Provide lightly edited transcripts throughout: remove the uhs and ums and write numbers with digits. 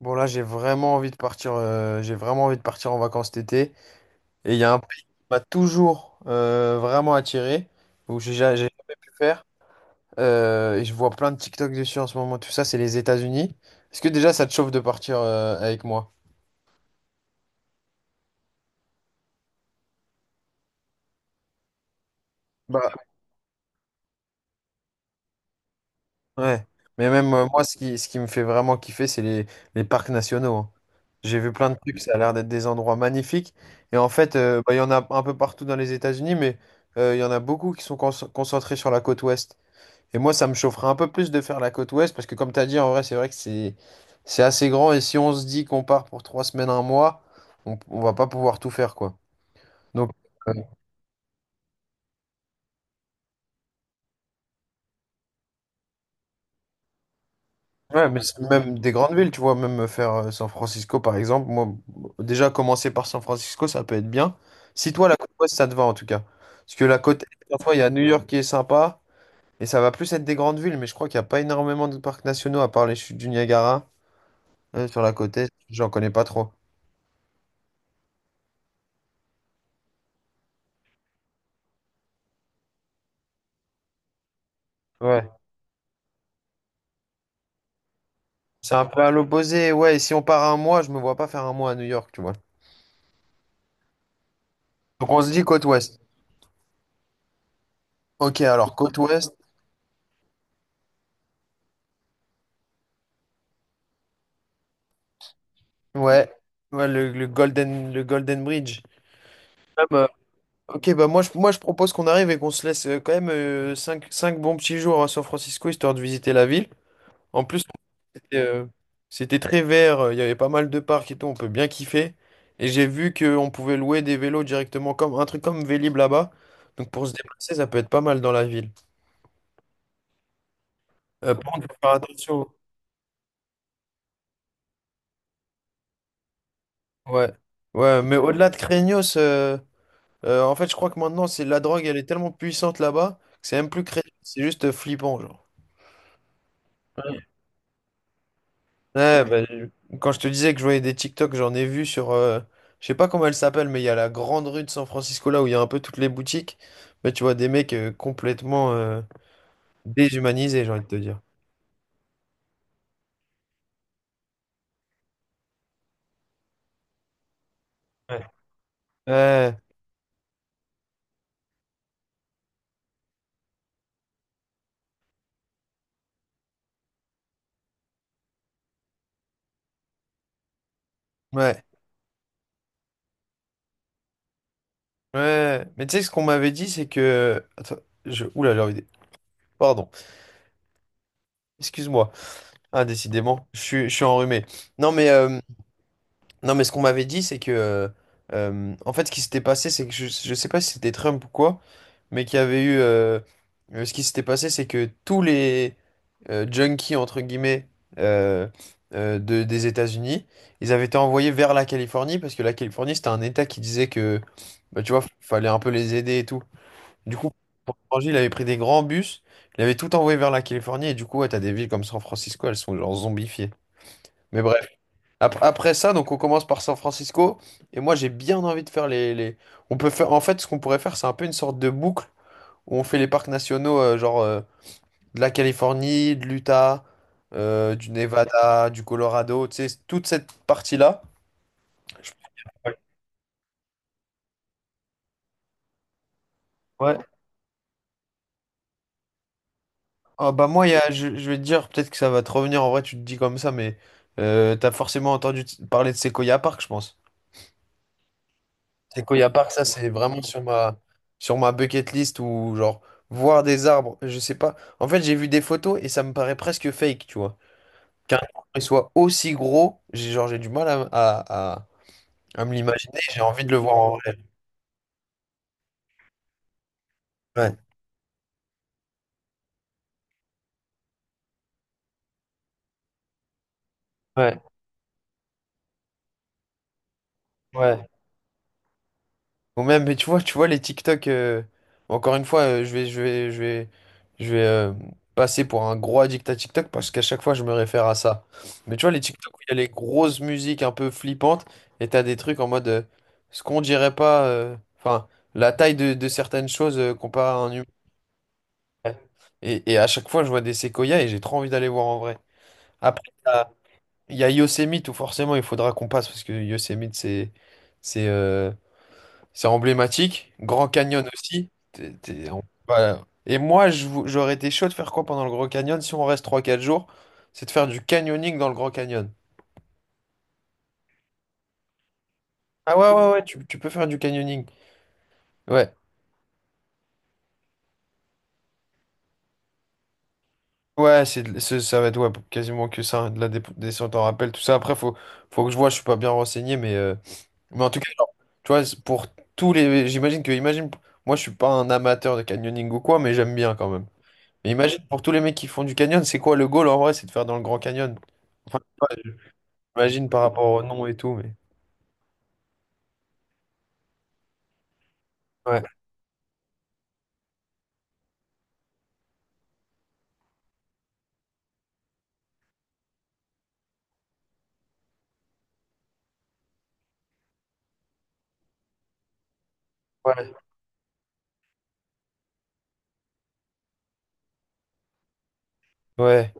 Bon là j'ai vraiment envie de partir en vacances cet été et il y a un pays qui m'a toujours vraiment attiré où j'ai jamais pu faire et je vois plein de TikTok dessus en ce moment tout ça c'est les États-Unis. Est-ce que déjà ça te chauffe de partir avec moi? Bah ouais. Mais même moi ce qui me fait vraiment kiffer c'est les parcs nationaux, hein. J'ai vu plein de trucs, ça a l'air d'être des endroits magnifiques et en fait bah, il y en a un peu partout dans les États-Unis, mais il y en a beaucoup qui sont concentrés sur la côte ouest. Et moi, ça me chaufferait un peu plus de faire la côte ouest parce que, comme tu as dit, en vrai, c'est vrai que c'est assez grand. Et si on se dit qu'on part pour 3 semaines, un mois, on va pas pouvoir tout faire, quoi. Donc, euh, ouais, mais c'est même des grandes villes, tu vois, même faire San Francisco, par exemple. Moi, déjà, commencer par San Francisco, ça peut être bien. Si toi, la côte ouest, ça te va, en tout cas. Parce que la côte est, parfois, il y a New York qui est sympa. Et ça va plus être des grandes villes, mais je crois qu'il n'y a pas énormément de parcs nationaux à part les chutes du Niagara sur la côte est. J'en connais pas trop. Ouais. C'est un peu à l'opposé. Ouais, et si on part un mois, je me vois pas faire un mois à New York, tu vois. Donc on se dit côte ouest. Ok, alors côte ouest. Ouais. Ouais, le Golden Bridge. Même, ok, bah moi je propose qu'on arrive et qu'on se laisse quand même 5 bons petits jours à San Francisco, histoire de visiter la ville. En plus, c'était euh, c'était très vert, il y avait pas mal de parcs et tout, on peut bien kiffer. Et j'ai vu qu'on pouvait louer des vélos directement, comme un truc comme Vélib là-bas. Donc pour se déplacer, ça peut être pas mal dans la ville. Par contre, faut faire attention. Ouais, ouais, mais au-delà de Craignos, en fait, je crois que maintenant, c'est la drogue, elle est tellement puissante là-bas que c'est même plus Craignos, c'est juste flippant, genre. Ouais, bah, quand je te disais que je voyais des TikTok, j'en ai vu sur, je sais pas comment elle s'appelle, mais il y a la grande rue de San Francisco là où il y a un peu toutes les boutiques. Mais tu vois des mecs complètement déshumanisés, j'ai envie de te dire. Ouais. Ouais, ouais, ouais. Mais tu sais, ce qu'on m'avait dit, c'est que. Attends, Oula, pardon, excuse-moi. Ah, décidément, je suis enrhumé. Non, mais. Non, mais ce qu'on m'avait dit, c'est que. En fait, ce qui s'était passé, c'est que je sais pas si c'était Trump ou quoi, mais qu'il y avait eu. Ce qui s'était passé, c'est que tous les junkies, entre guillemets, euh, des États-Unis, ils avaient été envoyés vers la Californie, parce que la Californie, c'était un État qui disait que. Bah, tu vois, fallait un peu les aider et tout. Du coup, pour changer, il avait pris des grands bus, il avait tout envoyé vers la Californie, et du coup, ouais, t'as des villes comme San Francisco, elles sont genre zombifiées. Mais bref. Après ça, donc on commence par San Francisco. Et moi, j'ai bien envie de faire on peut faire. En fait, ce qu'on pourrait faire, c'est un peu une sorte de boucle où on fait les parcs nationaux, genre de la Californie, de l'Utah, du Nevada, du Colorado, tu sais, toute cette partie-là. Je- Ouais. Ah, bah moi, je vais te dire, peut-être que ça va te revenir, en vrai, tu te dis comme ça, mais t'as forcément entendu parler de Sequoia Park, je pense. C'est qu'il y a parc, ça, c'est vraiment sur ma bucket list, ou genre voir des arbres, je sais pas. En fait, j'ai vu des photos et ça me paraît presque fake, tu vois. Qu'un arbre soit aussi gros, j'ai genre j'ai du mal à me l'imaginer, j'ai envie de le voir en vrai. Ouais, ouais, ouais. Ou même, mais tu vois, les TikTok. Encore une fois, je vais passer pour un gros addict à TikTok parce qu'à chaque fois, je me réfère à ça. Mais tu vois les TikTok où il y a les grosses musiques un peu flippantes et t'as des trucs en mode ce qu'on dirait pas. Enfin, la taille de certaines choses comparé à un humain. Et à chaque fois, je vois des séquoias et j'ai trop envie d'aller voir en vrai. Après, il y a Yosemite où forcément il faudra qu'on passe parce que Yosemite, c'est, euh, c'est emblématique. Grand Canyon aussi. Voilà. Et moi, j'aurais été chaud de faire quoi pendant le Grand Canyon si on reste trois quatre jours? C'est de faire du canyoning dans le Grand Canyon. Ah ouais, ouais, ouais, tu peux faire du canyoning. Ouais. Ouais, ça va être, ouais, quasiment que ça, hein, de la descente en rappel, tout ça. Après, faut que je vois, je suis pas bien renseigné, mais en tout cas, genre, tu vois, c'est pour tous les. J'imagine que, imagine, moi, je suis pas un amateur de canyoning ou quoi, mais j'aime bien quand même. Mais imagine, pour tous les mecs qui font du canyon, c'est quoi le goal en vrai? C'est de faire dans le Grand Canyon. Enfin, ouais, j'imagine par rapport au nom et tout, mais. Ouais, ouais, ouais.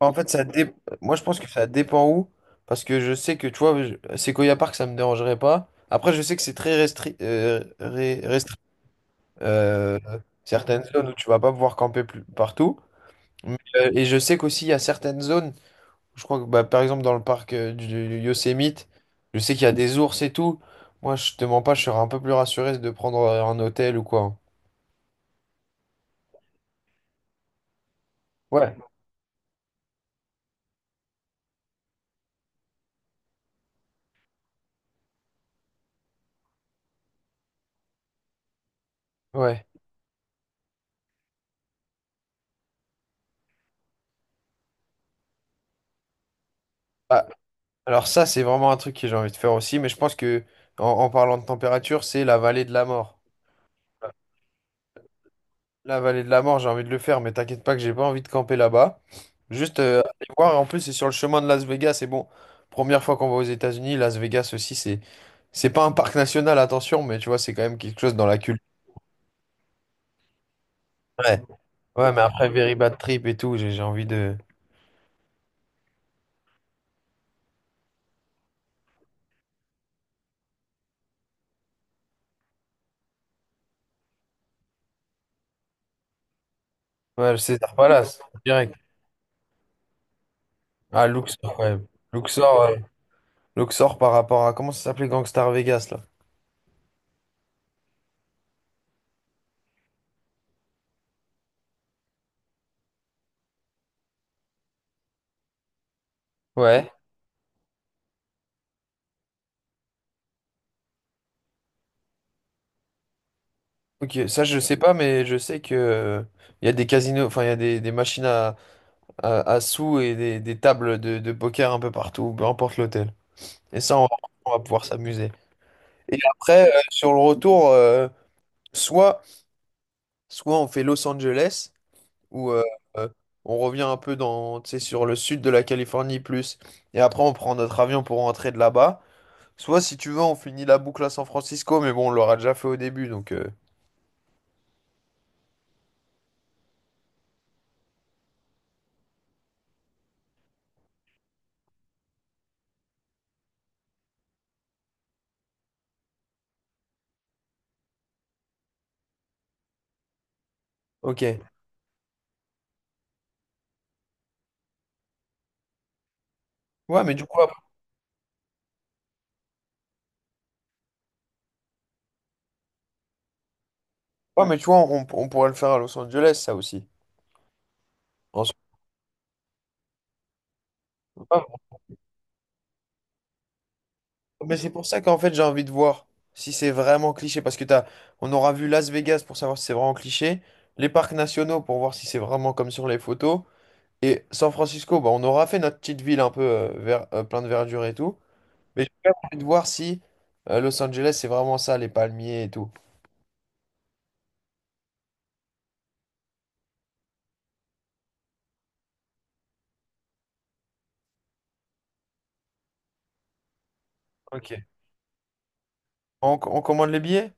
En fait, moi je pense que ça dépend où, parce que je sais que, tu vois, Sequoia Park, ça me dérangerait pas. Après, je sais que c'est très euh, certaines zones où tu vas pas pouvoir camper, plus... partout. Mais, et je sais qu'aussi, il y a certaines zones, je crois que, bah, par exemple, dans le parc du Yosemite, je sais qu'il y a des ours et tout. Moi, je te mens pas, je serais un peu plus rassuré de prendre un hôtel ou quoi. Ouais, ouais. Bah, alors ça, c'est vraiment un truc que j'ai envie de faire aussi, mais je pense que en parlant de température, c'est la vallée de la mort. La vallée de la mort, j'ai envie de le faire, mais t'inquiète pas que j'ai pas envie de camper là-bas. Juste aller voir, en plus c'est sur le chemin de Las Vegas, et bon, première fois qu'on va aux États-Unis, Las Vegas aussi, c'est pas un parc national, attention, mais tu vois, c'est quand même quelque chose dans la culture. Ouais, ouais, mais après Very Bad Trip et tout, j'ai envie de. Ouais, le César Palace, direct. Ah, Luxor, ouais. Luxor, ouais. Luxor par rapport à. Comment ça s'appelait Gangstar Vegas, là? Ouais. Ok, ça je sais pas, mais je sais que il y a des casinos, enfin il y a des machines à sous et des tables de poker un peu partout, peu importe l'hôtel. Et ça, on va pouvoir s'amuser. Et après, sur le retour, soit, soit on fait Los Angeles, où euh, on revient un peu dans, tu sais, sur le sud de la Californie plus, et après on prend notre avion pour rentrer de là-bas. Soit, si tu veux, on finit la boucle à San Francisco, mais bon, on l'aura déjà fait au début, donc. Ok. Ouais, mais du coup. Ouais, mais tu vois, on pourrait le faire à Los Angeles, ça aussi. En soi, c'est pas- mais c'est pour ça qu'en fait, j'ai envie de voir si c'est vraiment cliché. Parce que on aura vu Las Vegas pour savoir si c'est vraiment cliché. Les parcs nationaux pour voir si c'est vraiment comme sur les photos. Et San Francisco, bah, on aura fait notre petite ville un peu plein de verdure et tout. Mais j'ai quand même envie de voir si Los Angeles, c'est vraiment ça, les palmiers et tout. Ok. On commande les billets?